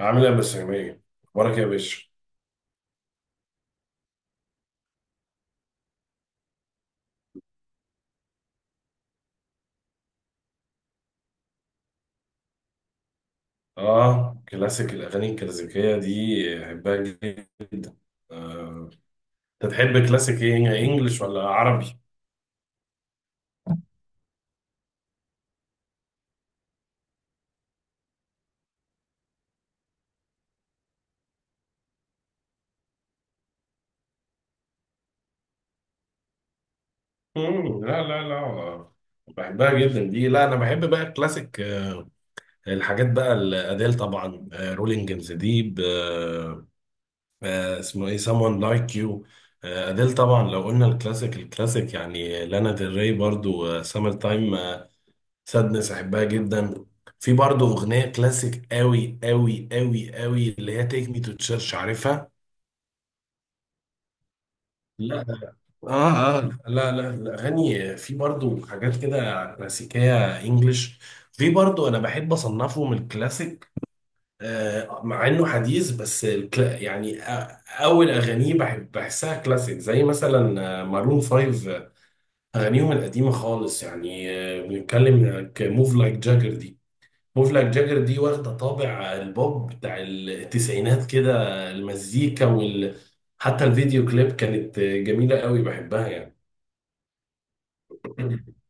عامل ايه يا مستر جميل؟ اخبارك إيه يا باشا؟ اه كلاسيك، الاغاني الكلاسيكيه دي بحبها جدا آه. انت تحب كلاسيك ايه، انجلش ولا عربي؟ مم. لا لا لا آه، بحبها جدا دي. لا انا بحب بقى الكلاسيك، الحاجات بقى الاديل، طبعا رولينج ان ذا ديب، اسمه ايه someone like you. آه، أديل طبعا. لو قلنا الكلاسيك الكلاسيك يعني لانا ديل ري، برضو سامر تايم سادنس احبها جدا. في برضه اغنيه كلاسيك قوي قوي قوي قوي اللي هي تيك مي تو تشيرش، عارفها؟ لا. اه اه لا لا، الاغاني في برضه حاجات كده كلاسيكيه انجلش. في برضه انا بحب اصنفه من الكلاسيك مع انه حديث، بس الكلا يعني اول اغانيه بحب بحسها كلاسيك زي مثلا مارون 5، اغانيهم القديمه خالص يعني. بنتكلم موف لايك جاجر دي، مفلك جاجر دي واخدة طابع البوب بتاع التسعينات كده، المزيكا وال حتى الفيديو كليب كانت جميلة قوي، بحبها يعني.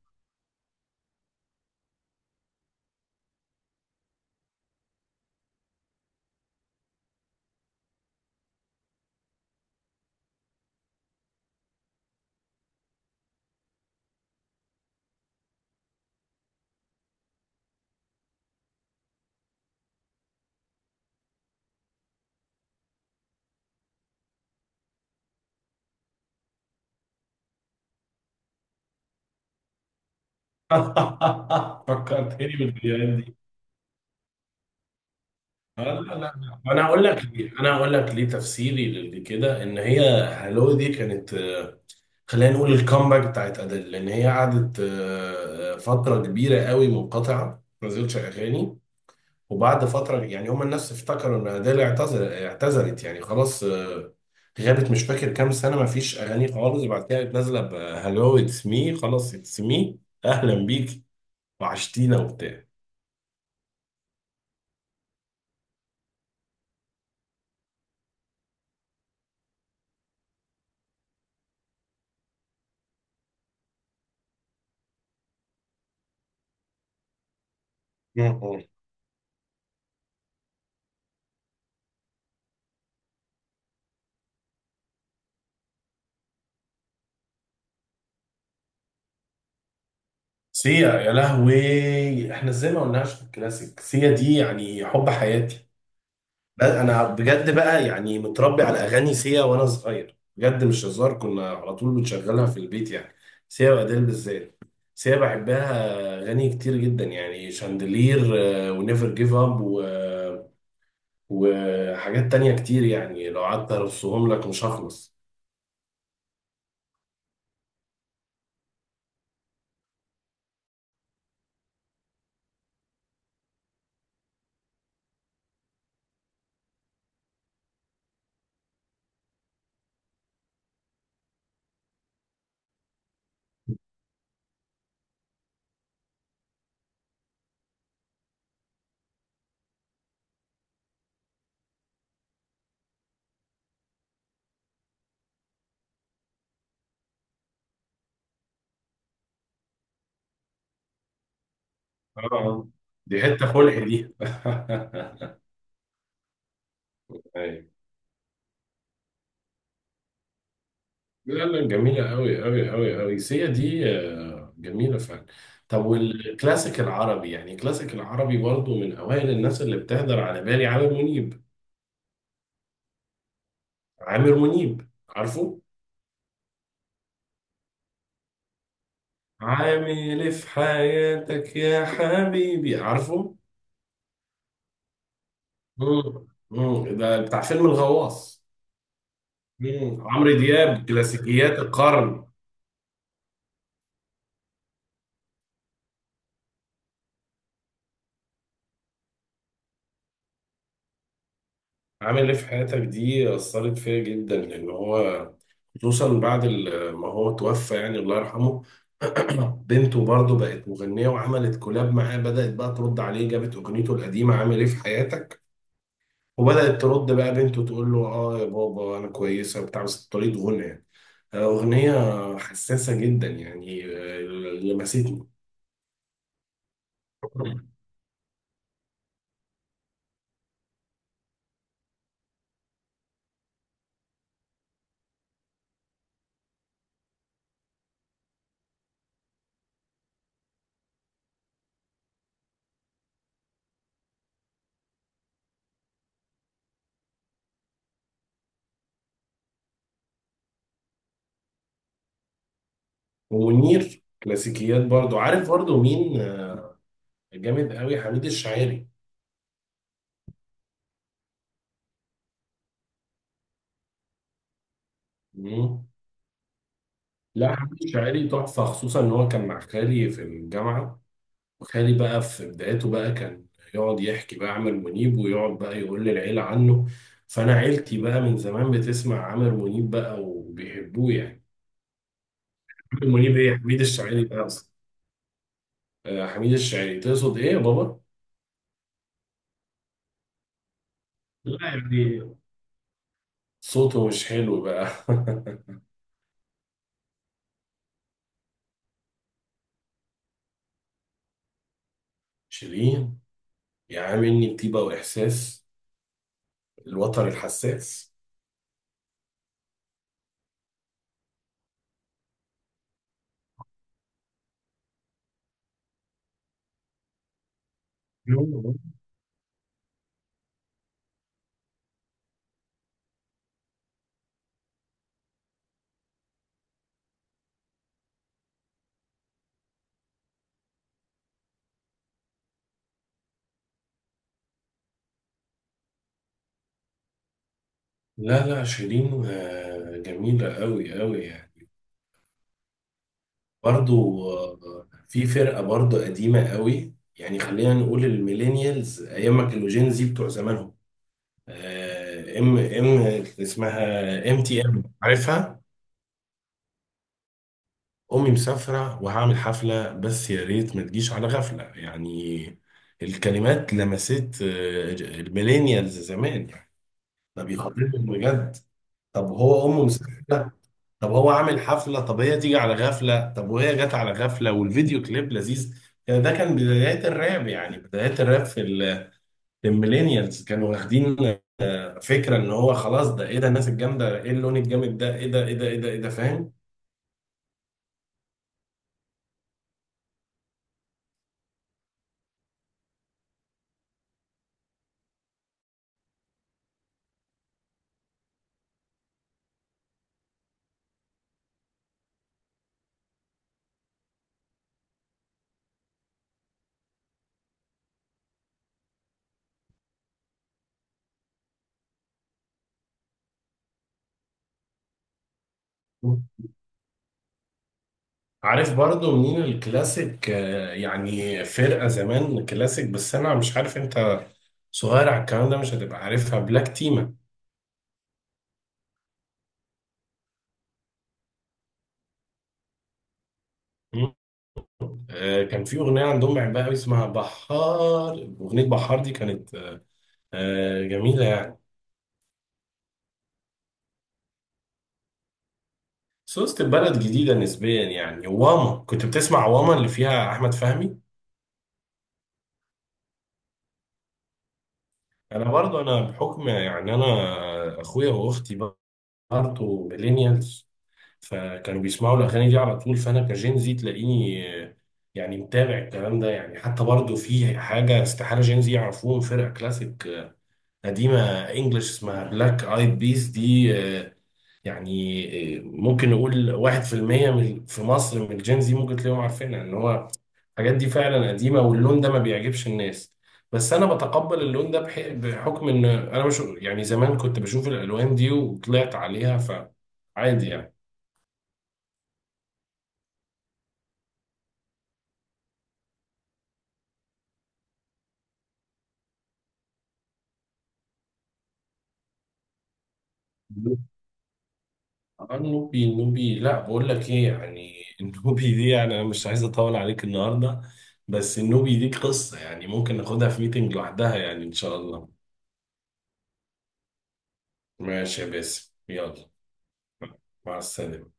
فكرتني بالفيديوهات دي. لا لا لا. انا هقول لك ليه، انا هقول لك ليه. تفسيري لكده ان هي هالو دي كانت خلينا نقول الكامباك بتاعت ادل، لان هي قعدت فترة كبيرة قوي منقطعة ما نزلتش اغاني. وبعد فترة يعني هما الناس افتكروا ان أديل اعتذر، اعتذرت يعني خلاص غابت، مش فاكر كام سنة ما فيش أغاني خالص. بعد كده قامت نازلة بهلو اتس مي، خلاص اتس مي، أهلا بيك وعشتينا وبتاع. مم. سيا يا لهوي، احنا ازاي ما قلناش في الكلاسيك سيا دي؟ يعني حب حياتي. بس انا بجد بقى يعني متربي على اغاني سيا وانا صغير، بجد مش هزار. كنا على طول بنشغلها في البيت يعني، سيا واديل بالذات. سيا بحبها اغاني كتير جدا، يعني شاندلير ونيفر جيف اب و... وحاجات تانية كتير يعني، لو قعدت ارصهم لك مش هخلص. اه، دي حتة خلق دي. أيوة. لا لا، جميلة أوي أوي أوي أوي سيا دي، آه، جميلة فعلا. طب والكلاسيك العربي، يعني الكلاسيك العربي برضو من أوائل الناس اللي بتهدر على بالي عامر منيب. عامر منيب، عارفه؟ عامل إيه في حياتك يا حبيبي، عارفه؟ مم. مم. ده بتاع فيلم الغواص. مم. عمرو دياب، كلاسيكيات القرن. عامل ايه في حياتك دي أثرت فيا جدا، لأن هو خصوصا بعد ما هو توفى يعني، الله يرحمه. بنته برضه بقت مغنية وعملت كولاب معاه، بدأت بقى ترد عليه، جابت أغنيته القديمة عامل ايه في حياتك وبدأت ترد بقى بنته تقول له اه يا بابا أنا كويسة وبتاع، بس بطريقة غنى يعني. أغنية حساسة جدا يعني، لمستني. ومنير كلاسيكيات برضه، عارف برضه مين جامد قوي؟ حميد الشاعري. مم. لا، حمدي شاعري تحفة، خصوصا إن هو كان مع خالي في الجامعة. وخالي بقى في بدايته بقى كان يقعد يحكي بقى عامر منيب، ويقعد بقى يقول للعيلة عنه، فأنا عيلتي بقى من زمان بتسمع عامر منيب بقى وبيحبوه يعني. عامر منيب إيه، حميد الشاعري ده أصلا. حميد الشاعري، تقصد إيه يا بابا؟ لا يعني صوته مش حلو بقى. شيرين، يا عم، إني طيبة وإحساس، الوتر الحساس. لا لا، شيرين آه، جميلة أوي أوي يعني. برضو في فرقة برضو قديمة قوي، يعني خلينا نقول الميلينيالز أيام ما كانوا جين زي بتوع زمانهم، ام ام، اسمها ام تي ام، عارفها؟ أمي مسافرة وهعمل حفلة بس يا ريت ما تجيش على غفلة، يعني الكلمات لمست الميلينيالز زمان يعني، ده بيخاطبهم بجد. طب هو أمه مسافرة، طب هو عامل حفلة، طب هي تيجي على غفلة، طب وهي جت على غفلة والفيديو كليب لذيذ يعني. ده كان بدايات الراب، يعني بدايات الراب في الميلينيالز، كانوا واخدين فكرة ان هو خلاص ده ايه ده، الناس الجامدة ايه، اللون الجامد ده ايه ده ايه ده ايه ده ايه ده، فاهم؟ عارف برضو منين الكلاسيك، يعني فرقة زمان كلاسيك؟ بس انا مش عارف، انت صغير على الكلام ده مش هتبقى عارفها، بلاك تيما. مم. آه، كان في اغنية عندهم بحبها قوي اسمها بحار. اغنية بحار دي كانت آه جميلة يعني. بس وسط البلد جديدة نسبيا يعني، واما كنت بتسمع واما اللي فيها أحمد فهمي. أنا برضو أنا بحكم يعني، أنا أخويا وأختي برضو ميلينيالز، فكانوا بيسمعوا الأغاني دي على طول، فأنا كجين زي تلاقيني يعني متابع الكلام ده يعني. حتى برضو في حاجة استحالة جين زي يعرفوهم، فرقة كلاسيك قديمة انجلش اسمها بلاك ايد بيس دي، آه، يعني ممكن نقول واحد في المية من في مصر من الجين زي ممكن تلاقيهم عارفينها. ان هو الحاجات دي فعلا قديمة واللون ده ما بيعجبش الناس، بس انا بتقبل اللون ده بحكم ان انا مش يعني زمان كنت بشوف الالوان دي وطلعت عليها فعادي يعني. آه، النوبي، النوبي لا بقول لك ايه يعني. النوبي دي يعني انا مش عايز اطول عليك النهارده، بس النوبي دي قصة يعني ممكن ناخدها في ميتنج لوحدها يعني، ان شاء الله. ماشي يا باسم، يلا. مع السلامة.